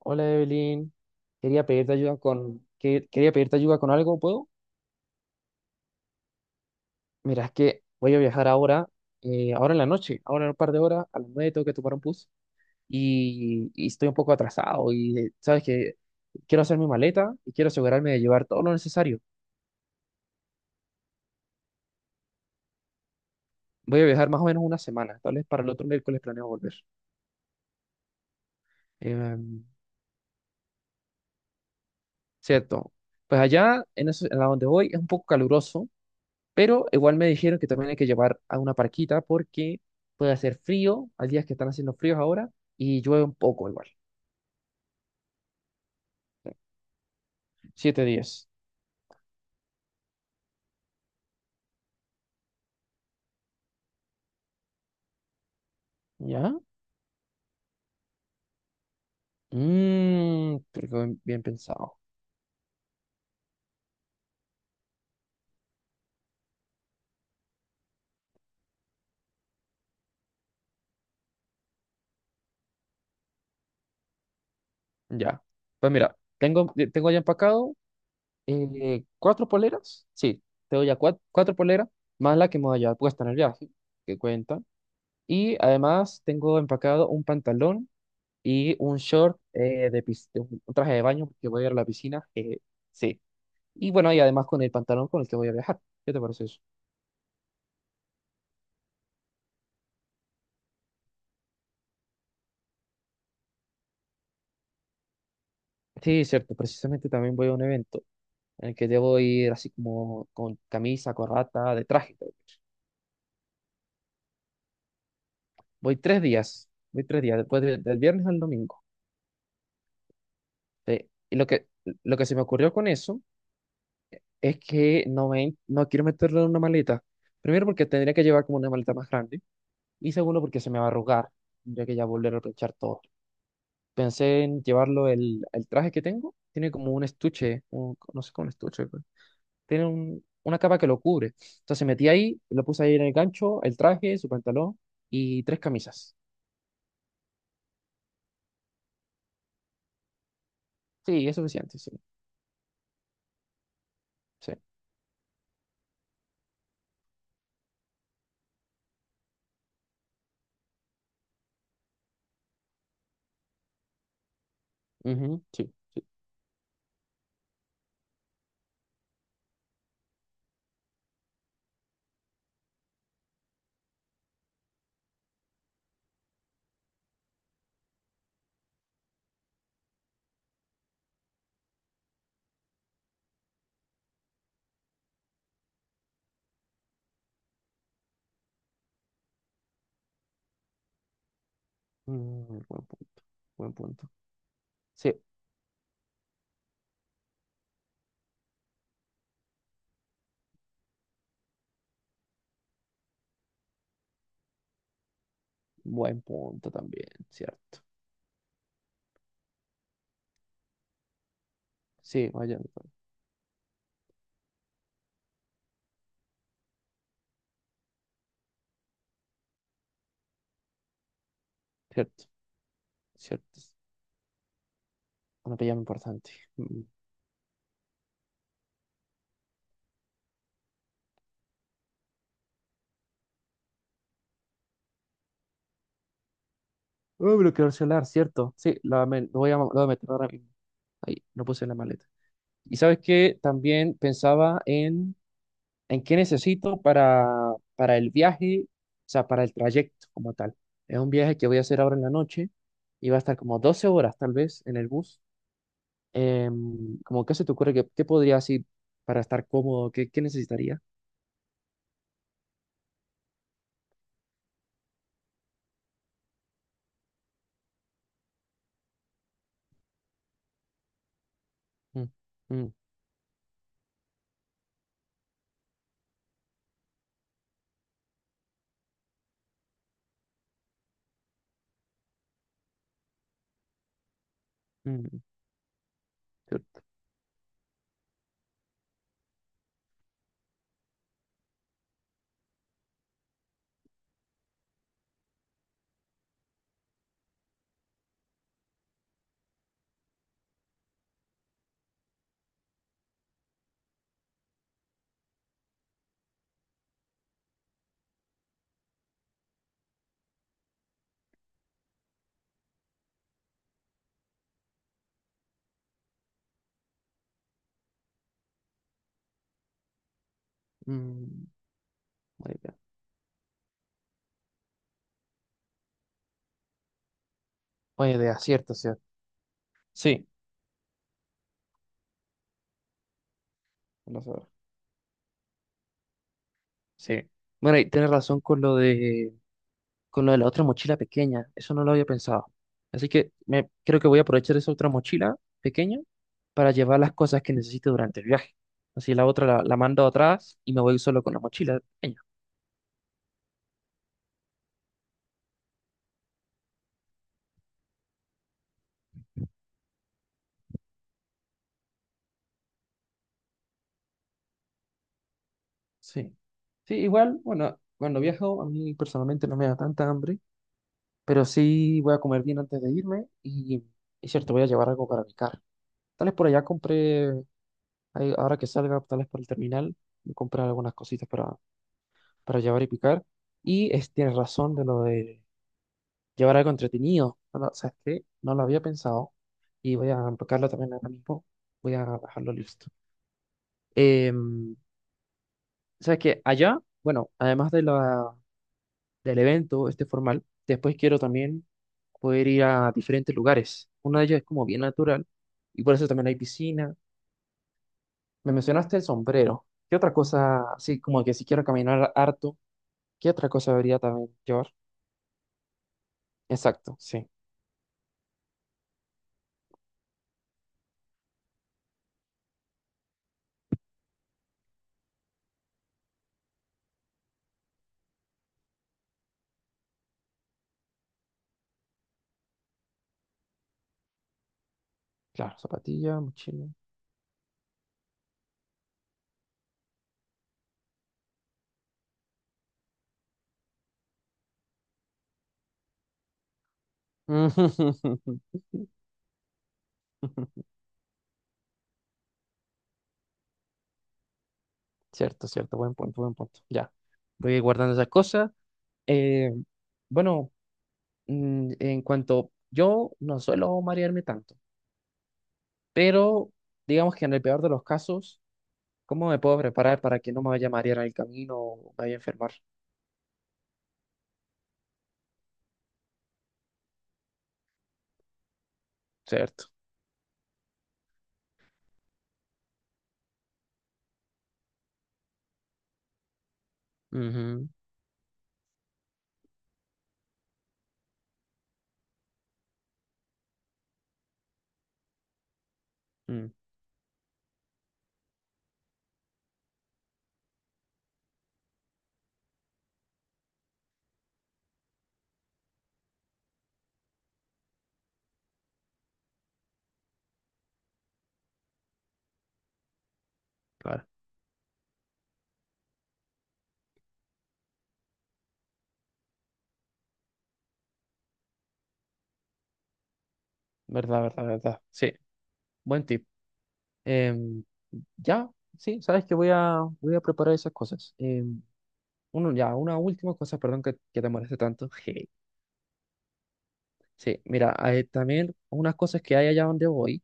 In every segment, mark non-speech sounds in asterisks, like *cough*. Hola Evelyn, quería pedirte ayuda quería pedirte ayuda con algo, ¿puedo? Mira, es que voy a viajar ahora, ahora en la noche, ahora en un par de horas, a las 9 tengo que tomar un bus y estoy un poco atrasado y sabes que quiero hacer mi maleta y quiero asegurarme de llevar todo lo necesario. Voy a viajar más o menos una semana, tal vez para el otro miércoles planeo volver. Em, Cierto. Pues allá, en la donde voy, es un poco caluroso. Pero igual me dijeron que también hay que llevar a una parquita porque puede hacer frío, hay días que están haciendo fríos ahora, y llueve un poco igual. Siete días. ¿Ya? Mmm, pero qué bien, bien pensado. Ya. Pues mira, tengo, tengo ya empacado cuatro poleras. Sí, tengo ya cuatro poleras, más la que me voy a llevar puesta en el viaje, que cuenta. Y además tengo empacado un pantalón y un short de un traje de baño porque voy a ir a la piscina. Sí. Y bueno, y además con el pantalón con el que voy a viajar. ¿Qué te parece eso? Sí, cierto. Precisamente también voy a un evento en el que debo ir así como con camisa, corbata, de traje. Voy tres días. Voy tres días, del viernes al domingo. Sí. Y lo que se me ocurrió con eso es que no quiero meterlo en una maleta. Primero porque tendría que llevar como una maleta más grande. Y segundo porque se me va a arrugar. Tendría que ya volver a aprovechar todo. Pensé en llevarlo el traje que tengo. Tiene como un estuche, no sé, cómo un estuche. Tiene una capa que lo cubre. Entonces metí ahí, lo puse ahí en el gancho, el traje, su pantalón y tres camisas. Sí, es suficiente, sí. Sí. Ujú, sí, sí. Mm, buen punto, buen punto. Sí, buen punto también, cierto. Sí, vaya, cierto, cierto. Una pijama importante. Mm. Oh, bloqueador el celular, cierto. Sí, lo lo voy a meter ahora mismo. Ahí, lo puse en la maleta. Y sabes que también pensaba en qué necesito para el viaje, o sea, para el trayecto como tal. Es un viaje que voy a hacer ahora en la noche y va a estar como 12 horas tal vez en el bus. Como, ¿qué se te ocurre? ¿Qué, qué podría así para estar cómodo? ¿Qué, qué necesitaría? Mm, mm, mm, pero, mm, buena idea. Buena idea, cierto, cierto. Sí, vamos a ver. Sí. Bueno, y tienes razón con lo de la otra mochila pequeña. Eso no lo había pensado. Así que me, creo que voy a aprovechar esa otra mochila pequeña para llevar las cosas que necesite durante el viaje. Así la mando atrás y me voy solo con la mochila pequeña. Sí. Sí, igual, bueno, cuando viajo a mí personalmente no me da tanta hambre, pero sí voy a comer bien antes de irme y es cierto, voy a llevar algo para picar. Tal vez por allá compré, ahora que salga, tal vez por el terminal, voy a algunas cositas para llevar y picar. Y es, tienes razón de lo de llevar algo entretenido. ¿Sabes qué? No lo había pensado y voy a enfocarlo también ahora mismo. Voy a dejarlo listo. Em, ¿Sabes qué? Allá, bueno, además de del evento este formal, después quiero también poder ir a diferentes lugares. Uno de ellos es como bien natural y por eso también hay piscina. Me mencionaste el sombrero. ¿Qué otra cosa, así como que si quiero caminar harto, qué otra cosa debería también llevar? Exacto, sí. Claro, zapatilla, mochila. *laughs* Cierto, cierto, buen punto, buen punto. Ya, voy guardando esas cosas. Eh, bueno, en cuanto yo no suelo marearme tanto, pero digamos que en el peor de los casos, ¿cómo me puedo preparar para que no me vaya a marear en el camino o me vaya a enfermar? Cierto. Ujú, mm, claro, verdad, verdad, verdad. Sí, buen tip. Em, ya, sí, sabes que voy a preparar esas cosas. Uno, ya, una última cosa, perdón que te moleste tanto. *laughs* Sí, mira, también unas cosas que hay allá donde voy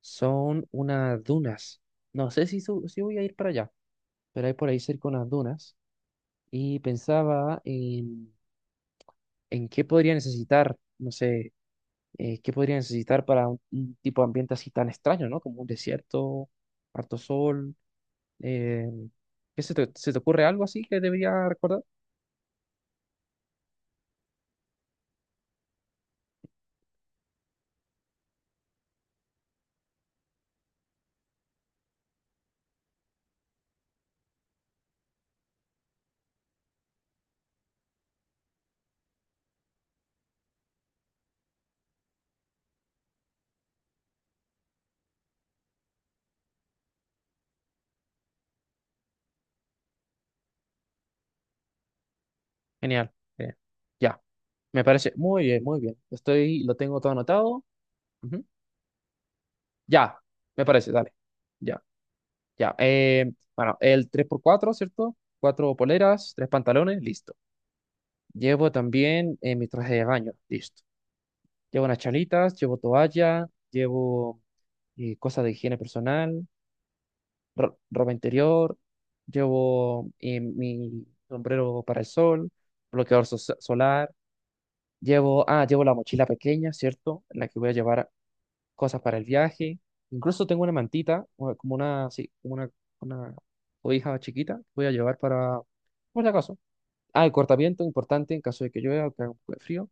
son unas dunas. No sé si, su- Si voy a ir para allá, pero hay por ahí cerca unas dunas y pensaba en qué podría necesitar, no sé, qué podría necesitar para un tipo de ambiente así tan extraño, ¿no? Como un desierto, harto sol. eh, ¿Qué se te ocurre algo así que debería recordar? Genial, genial. Ya, me parece muy bien, muy bien. Estoy, lo tengo todo anotado. Ujú. Ya, me parece, dale. Ya, ya. Bueno, el tres por cuatro, cierto. Cuatro poleras, tres pantalones, listo. Llevo también mi traje de baño, listo. Llevo unas chalitas, llevo toalla, llevo cosas de higiene personal, ropa interior, llevo mi sombrero para el sol, bloqueador solar, llevo, ah, llevo la mochila pequeña, ¿cierto? En la que voy a llevar cosas para el viaje. Incluso tengo una mantita, como una, sí, como una cobija chiquita, que voy a llevar para, por si acaso. Ah, el cortaviento, importante en caso de que llueva o que haga un poco de frío.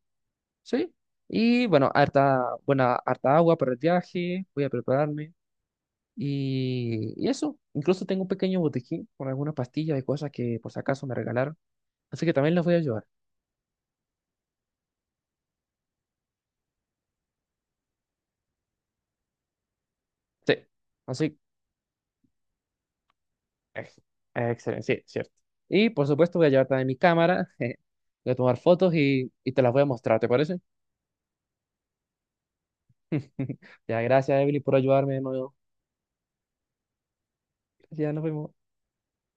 Sí. Y bueno, harta agua para el viaje, voy a prepararme. Y eso, incluso tengo un pequeño botiquín con algunas pastillas y cosas que por si acaso me regalaron. Así que también las voy a llevar. Sí. Así Ex- Excelente, sí, cierto. Y por supuesto voy a llevar también mi cámara, *laughs* voy a tomar fotos y te las voy a mostrar, ¿te parece? *laughs* Ya, gracias Emily por ayudarme de nuevo. Ya nos vemos.